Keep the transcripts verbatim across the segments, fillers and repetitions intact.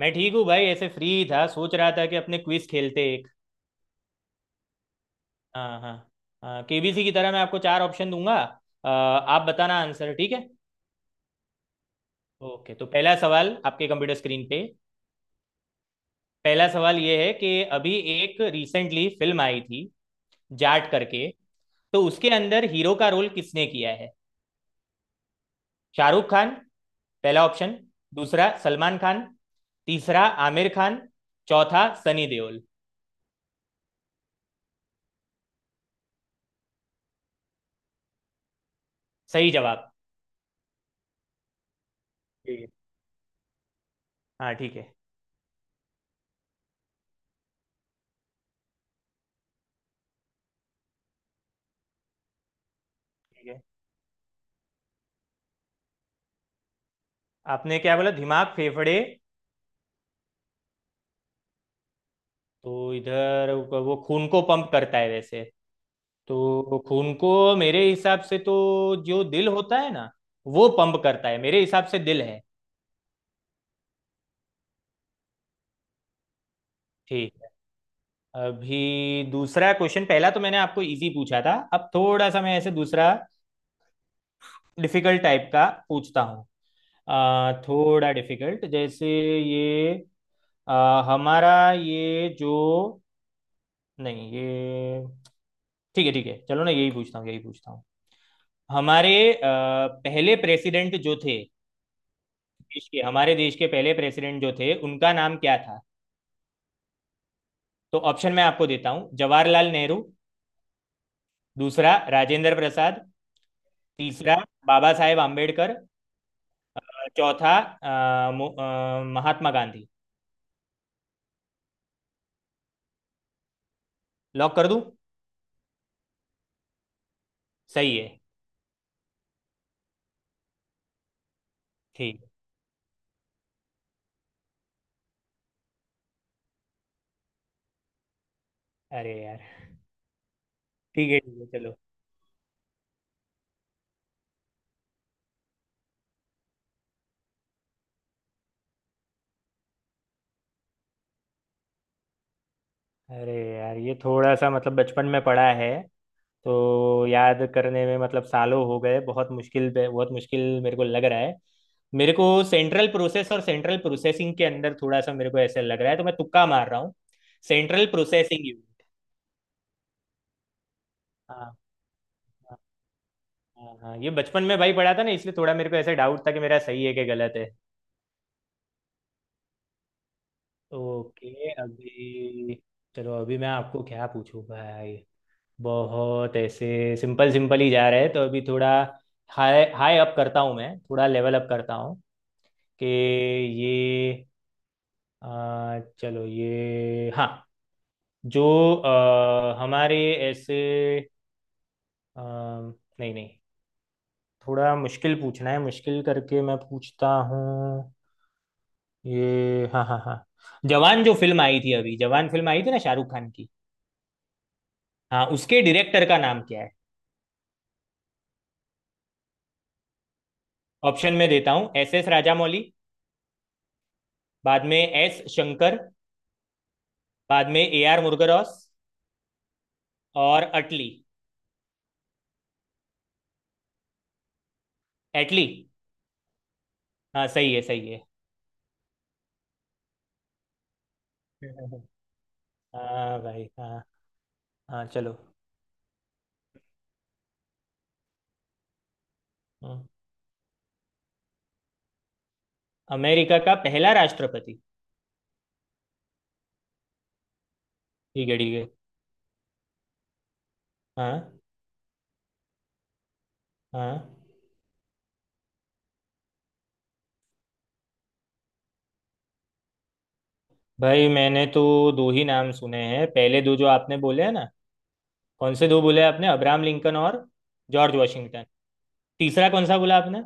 मैं ठीक हूँ भाई ऐसे फ्री था सोच रहा था कि अपने क्विज खेलते एक। हाँ हाँ। हाँ केबीसी की तरह मैं आपको चार ऑप्शन दूंगा। अ, आप बताना आंसर ठीक है। ओके तो पहला सवाल आपके कंप्यूटर स्क्रीन पे। पहला सवाल ये है कि अभी एक रिसेंटली फिल्म आई थी जाट करके। तो उसके अंदर हीरो का रोल किसने किया है। शाहरुख खान पहला ऑप्शन। दूसरा सलमान खान। तीसरा आमिर खान। चौथा सनी देओल। सही जवाब। ठीक है। हाँ ठीक है ठीक है। आपने क्या बोला, दिमाग, फेफड़े। तो इधर वो खून को पंप करता है वैसे। तो खून को मेरे हिसाब से तो जो दिल होता है ना वो पंप करता है, मेरे हिसाब से दिल है। ठीक है। अभी दूसरा क्वेश्चन, पहला तो मैंने आपको इजी पूछा था। अब थोड़ा सा मैं ऐसे दूसरा डिफिकल्ट टाइप का पूछता हूँ। आ, थोड़ा डिफिकल्ट जैसे ये आ, हमारा ये जो नहीं ये। ठीक है ठीक है चलो ना, यही पूछता हूँ यही पूछता हूँ। हमारे अ, पहले प्रेसिडेंट जो थे, देश के हमारे देश के पहले प्रेसिडेंट जो थे उनका नाम क्या था। तो ऑप्शन मैं आपको देता हूँ, जवाहरलाल नेहरू। दूसरा राजेंद्र प्रसाद। तीसरा बाबा साहेब आम्बेडकर। अ, चौथा अ, मो- अ, महात्मा गांधी। लॉक कर दूं। सही है। ठीक। अरे यार ठीक है ठीक है चलो। अरे यार ये थोड़ा सा मतलब बचपन में पढ़ा है। तो याद करने में मतलब सालों हो गए, बहुत मुश्किल बहुत मुश्किल मेरे को लग रहा है। मेरे को सेंट्रल प्रोसेस और सेंट्रल प्रोसेसिंग के अंदर थोड़ा सा मेरे को ऐसा लग रहा है, तो मैं तुक्का मार रहा हूँ। Central processing unit. हाँ हाँ हाँ हाँ, ये बचपन में भाई पढ़ा था ना, इसलिए थोड़ा मेरे को ऐसा डाउट था कि मेरा सही है कि गलत है। ओके अभी चलो, अभी मैं आपको क्या पूछूं भाई। बहुत ऐसे सिंपल सिंपल ही जा रहे हैं, तो अभी थोड़ा हाई हाई अप करता हूँ, मैं थोड़ा लेवल अप करता हूँ कि ये अ, चलो ये हाँ जो अ, हमारे ऐसे अ, नहीं नहीं थोड़ा मुश्किल पूछना है, मुश्किल करके मैं पूछता हूँ। ये हाँ हाँ हाँ जवान जो फिल्म आई थी, अभी जवान फिल्म आई थी ना शाहरुख खान की। हाँ उसके डायरेक्टर का नाम क्या है। ऑप्शन में देता हूँ एस एस राजामौली। बाद में एस शंकर। बाद में ए आर मुरुगदॉस। और अटली। एटली। हाँ सही है सही है। हाँ भाई हाँ। हाँ चलो। हाँ अमेरिका का पहला राष्ट्रपति। ठीक है ठीक है। हाँ हाँ। भाई मैंने तो दो ही नाम सुने हैं, पहले दो जो आपने बोले हैं ना। कौन से दो बोले आपने, अब्राहम लिंकन और जॉर्ज वाशिंगटन। तीसरा कौन सा बोला आपने।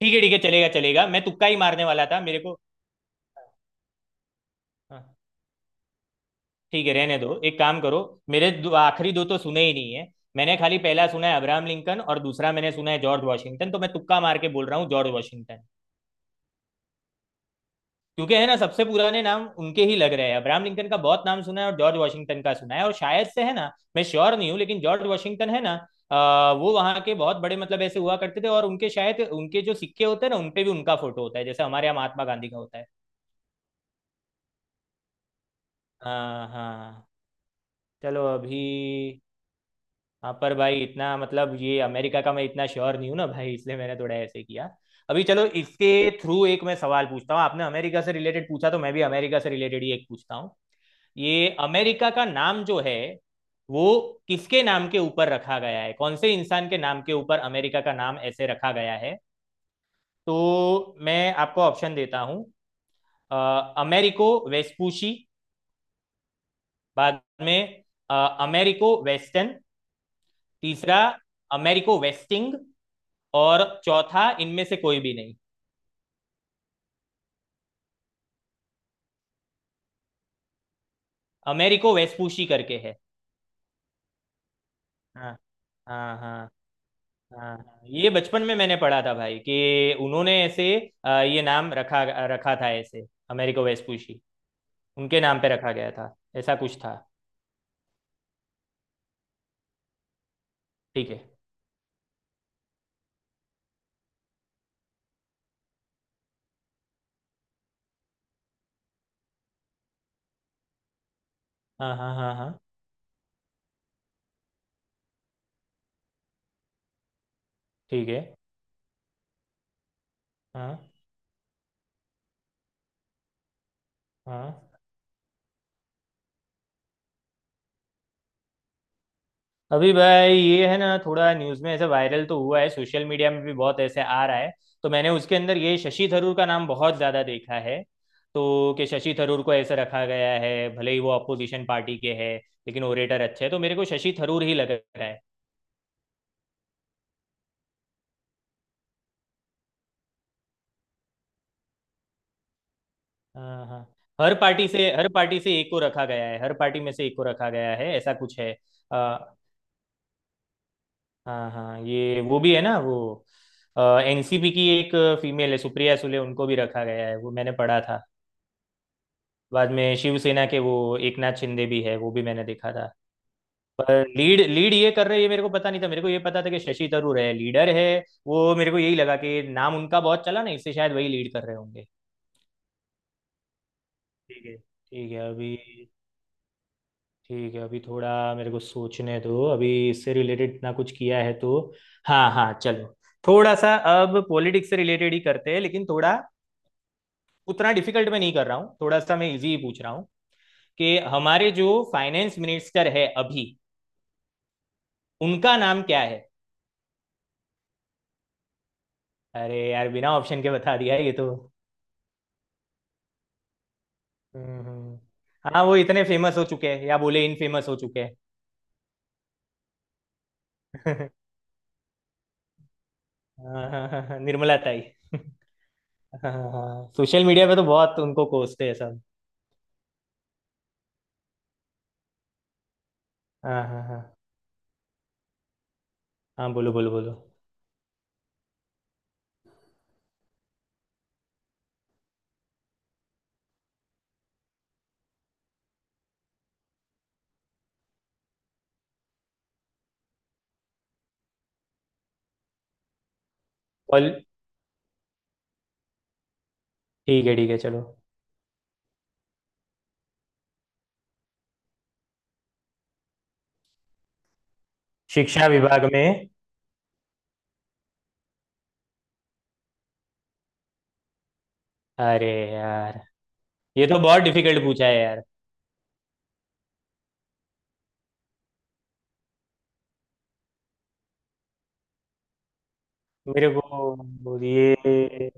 ठीक है ठीक है चलेगा चलेगा, मैं तुक्का ही मारने वाला था मेरे को। हाँ ठीक है रहने दो, एक काम करो। मेरे दो, आखिरी दो तो सुने ही नहीं है। मैंने खाली पहला सुना है अब्राहम लिंकन और दूसरा मैंने सुना है जॉर्ज वाशिंगटन, तो मैं तुक्का मार के बोल रहा हूँ जॉर्ज वाशिंगटन। क्योंकि है ना, सबसे पुराने नाम उनके ही लग रहे हैं, अब्राहम लिंकन का बहुत नाम सुना है और जॉर्ज वाशिंगटन का सुना है, और शायद से है ना। मैं श्योर नहीं हूँ लेकिन जॉर्ज वाशिंगटन है ना। अ, वो वहाँ के बहुत बड़े मतलब ऐसे हुआ करते थे, और उनके शायद, उनके जो सिक्के होते हैं ना उनपे भी उनका फोटो होता है, जैसे हमारे यहाँ महात्मा गांधी का होता है। हाँ हाँ। चलो अभी। हाँ पर भाई इतना मतलब ये अमेरिका का मैं इतना श्योर नहीं हूँ ना भाई, इसलिए मैंने थोड़ा ऐसे किया। अभी चलो, इसके थ्रू एक मैं सवाल पूछता हूँ, आपने अमेरिका से रिलेटेड पूछा तो मैं भी अमेरिका से रिलेटेड ही एक पूछता हूँ। ये अमेरिका का नाम जो है, वो किसके नाम के ऊपर रखा गया है, कौन से इंसान के नाम के ऊपर अमेरिका का नाम ऐसे रखा गया है। तो मैं आपको ऑप्शन देता हूँ अ, अमेरिको वेस्पूशी। बाद में अ, अमेरिको वेस्टर्न। तीसरा अमेरिको वेस्टिंग। और चौथा इनमें से कोई भी नहीं। अमेरिको वेस्पूशी करके है। हाँ हाँ। हाँ हाँ हाँ। ये बचपन में मैंने पढ़ा था भाई कि उन्होंने ऐसे अ, ये नाम रखा रखा था ऐसे अमेरिको वेस्पूशी। उनके नाम पे रखा गया था, ऐसा कुछ था। ठीक है। हाँ हाँ हाँ हाँ। ठीक है। हाँ हाँ। अभी भाई, ये है ना थोड़ा न्यूज़ में ऐसे वायरल तो हुआ है, सोशल मीडिया में भी बहुत ऐसे आ रहा है, तो मैंने उसके अंदर ये शशि थरूर का नाम बहुत ज़्यादा देखा है। तो कि शशि थरूर को ऐसे रखा गया है, भले ही वो अपोजिशन पार्टी के है, लेकिन ओरेटर अच्छे है, तो मेरे को शशि थरूर ही लग रहा है। हाँ हाँ। हर पार्टी से, हर पार्टी से एक को रखा गया है, हर पार्टी में से एक को रखा गया है, ऐसा कुछ है। अ, हाँ हाँ ये वो भी है ना, वो एनसीपी की एक फीमेल है, सुप्रिया सुले, उनको भी रखा गया है, वो मैंने पढ़ा था। बाद में शिवसेना के वो एकनाथ शिंदे भी है, वो भी मैंने देखा था। पर लीड लीड ये कर रहे हैं ये मेरे को पता नहीं था, मेरे को ये पता था कि शशि थरूर है लीडर है। वो मेरे को यही लगा कि नाम उनका बहुत चला ना, इससे शायद वही लीड कर रहे होंगे। ठीक है ठीक है अभी। ठीक है अभी थोड़ा मेरे को सोचने दो, अभी इससे रिलेटेड ना कुछ किया है तो। हाँ हाँ चलो। थोड़ा सा अब पॉलिटिक्स से रिलेटेड ही करते हैं, लेकिन थोड़ा उतना डिफिकल्ट में नहीं कर रहा हूँ, थोड़ा सा मैं इजी ही पूछ रहा हूँ कि हमारे जो फाइनेंस मिनिस्टर है अभी, उनका नाम क्या है। अरे यार बिना ऑप्शन के बता दिया ये तो। हम्म हम्म। हाँ वो इतने फेमस हो चुके हैं, या बोले इन फेमस हो चुके हैं। हाँ हाँ हाँ हाँ, निर्मला ताई। हाँ हाँ, सोशल मीडिया पे तो बहुत उनको कोसते हैं सब। हाँ हाँ हाँ हाँ बोलो बोलो बोलो। कॉल। ठीक है ठीक है चलो। शिक्षा विभाग में। अरे यार ये तो बहुत डिफिकल्ट पूछा है यार। मेरे को ये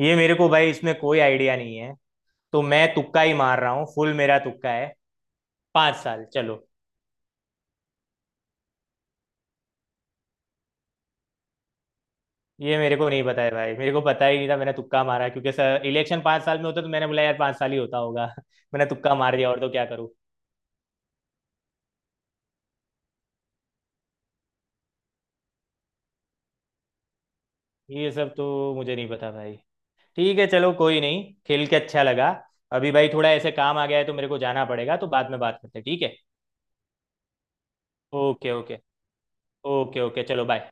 ये मेरे को भाई, इसमें कोई आइडिया नहीं है। तो मैं तुक्का ही मार रहा हूँ, फुल मेरा तुक्का है। पांच साल चलो। ये मेरे को नहीं पता है भाई, मेरे को पता ही नहीं था, मैंने तुक्का मारा क्योंकि सर इलेक्शन पाँच साल में होता, तो मैंने बोला यार पाँच साल ही होता होगा, मैंने तुक्का मार दिया, और तो क्या करूँ। ये सब तो मुझे नहीं पता भाई। ठीक है चलो कोई नहीं, खेल के अच्छा लगा। अभी भाई थोड़ा ऐसे काम आ गया है, तो मेरे को जाना पड़ेगा, तो बाद में बात करते हैं ठीक है। Okay okay. ओके ओके चलो बाय।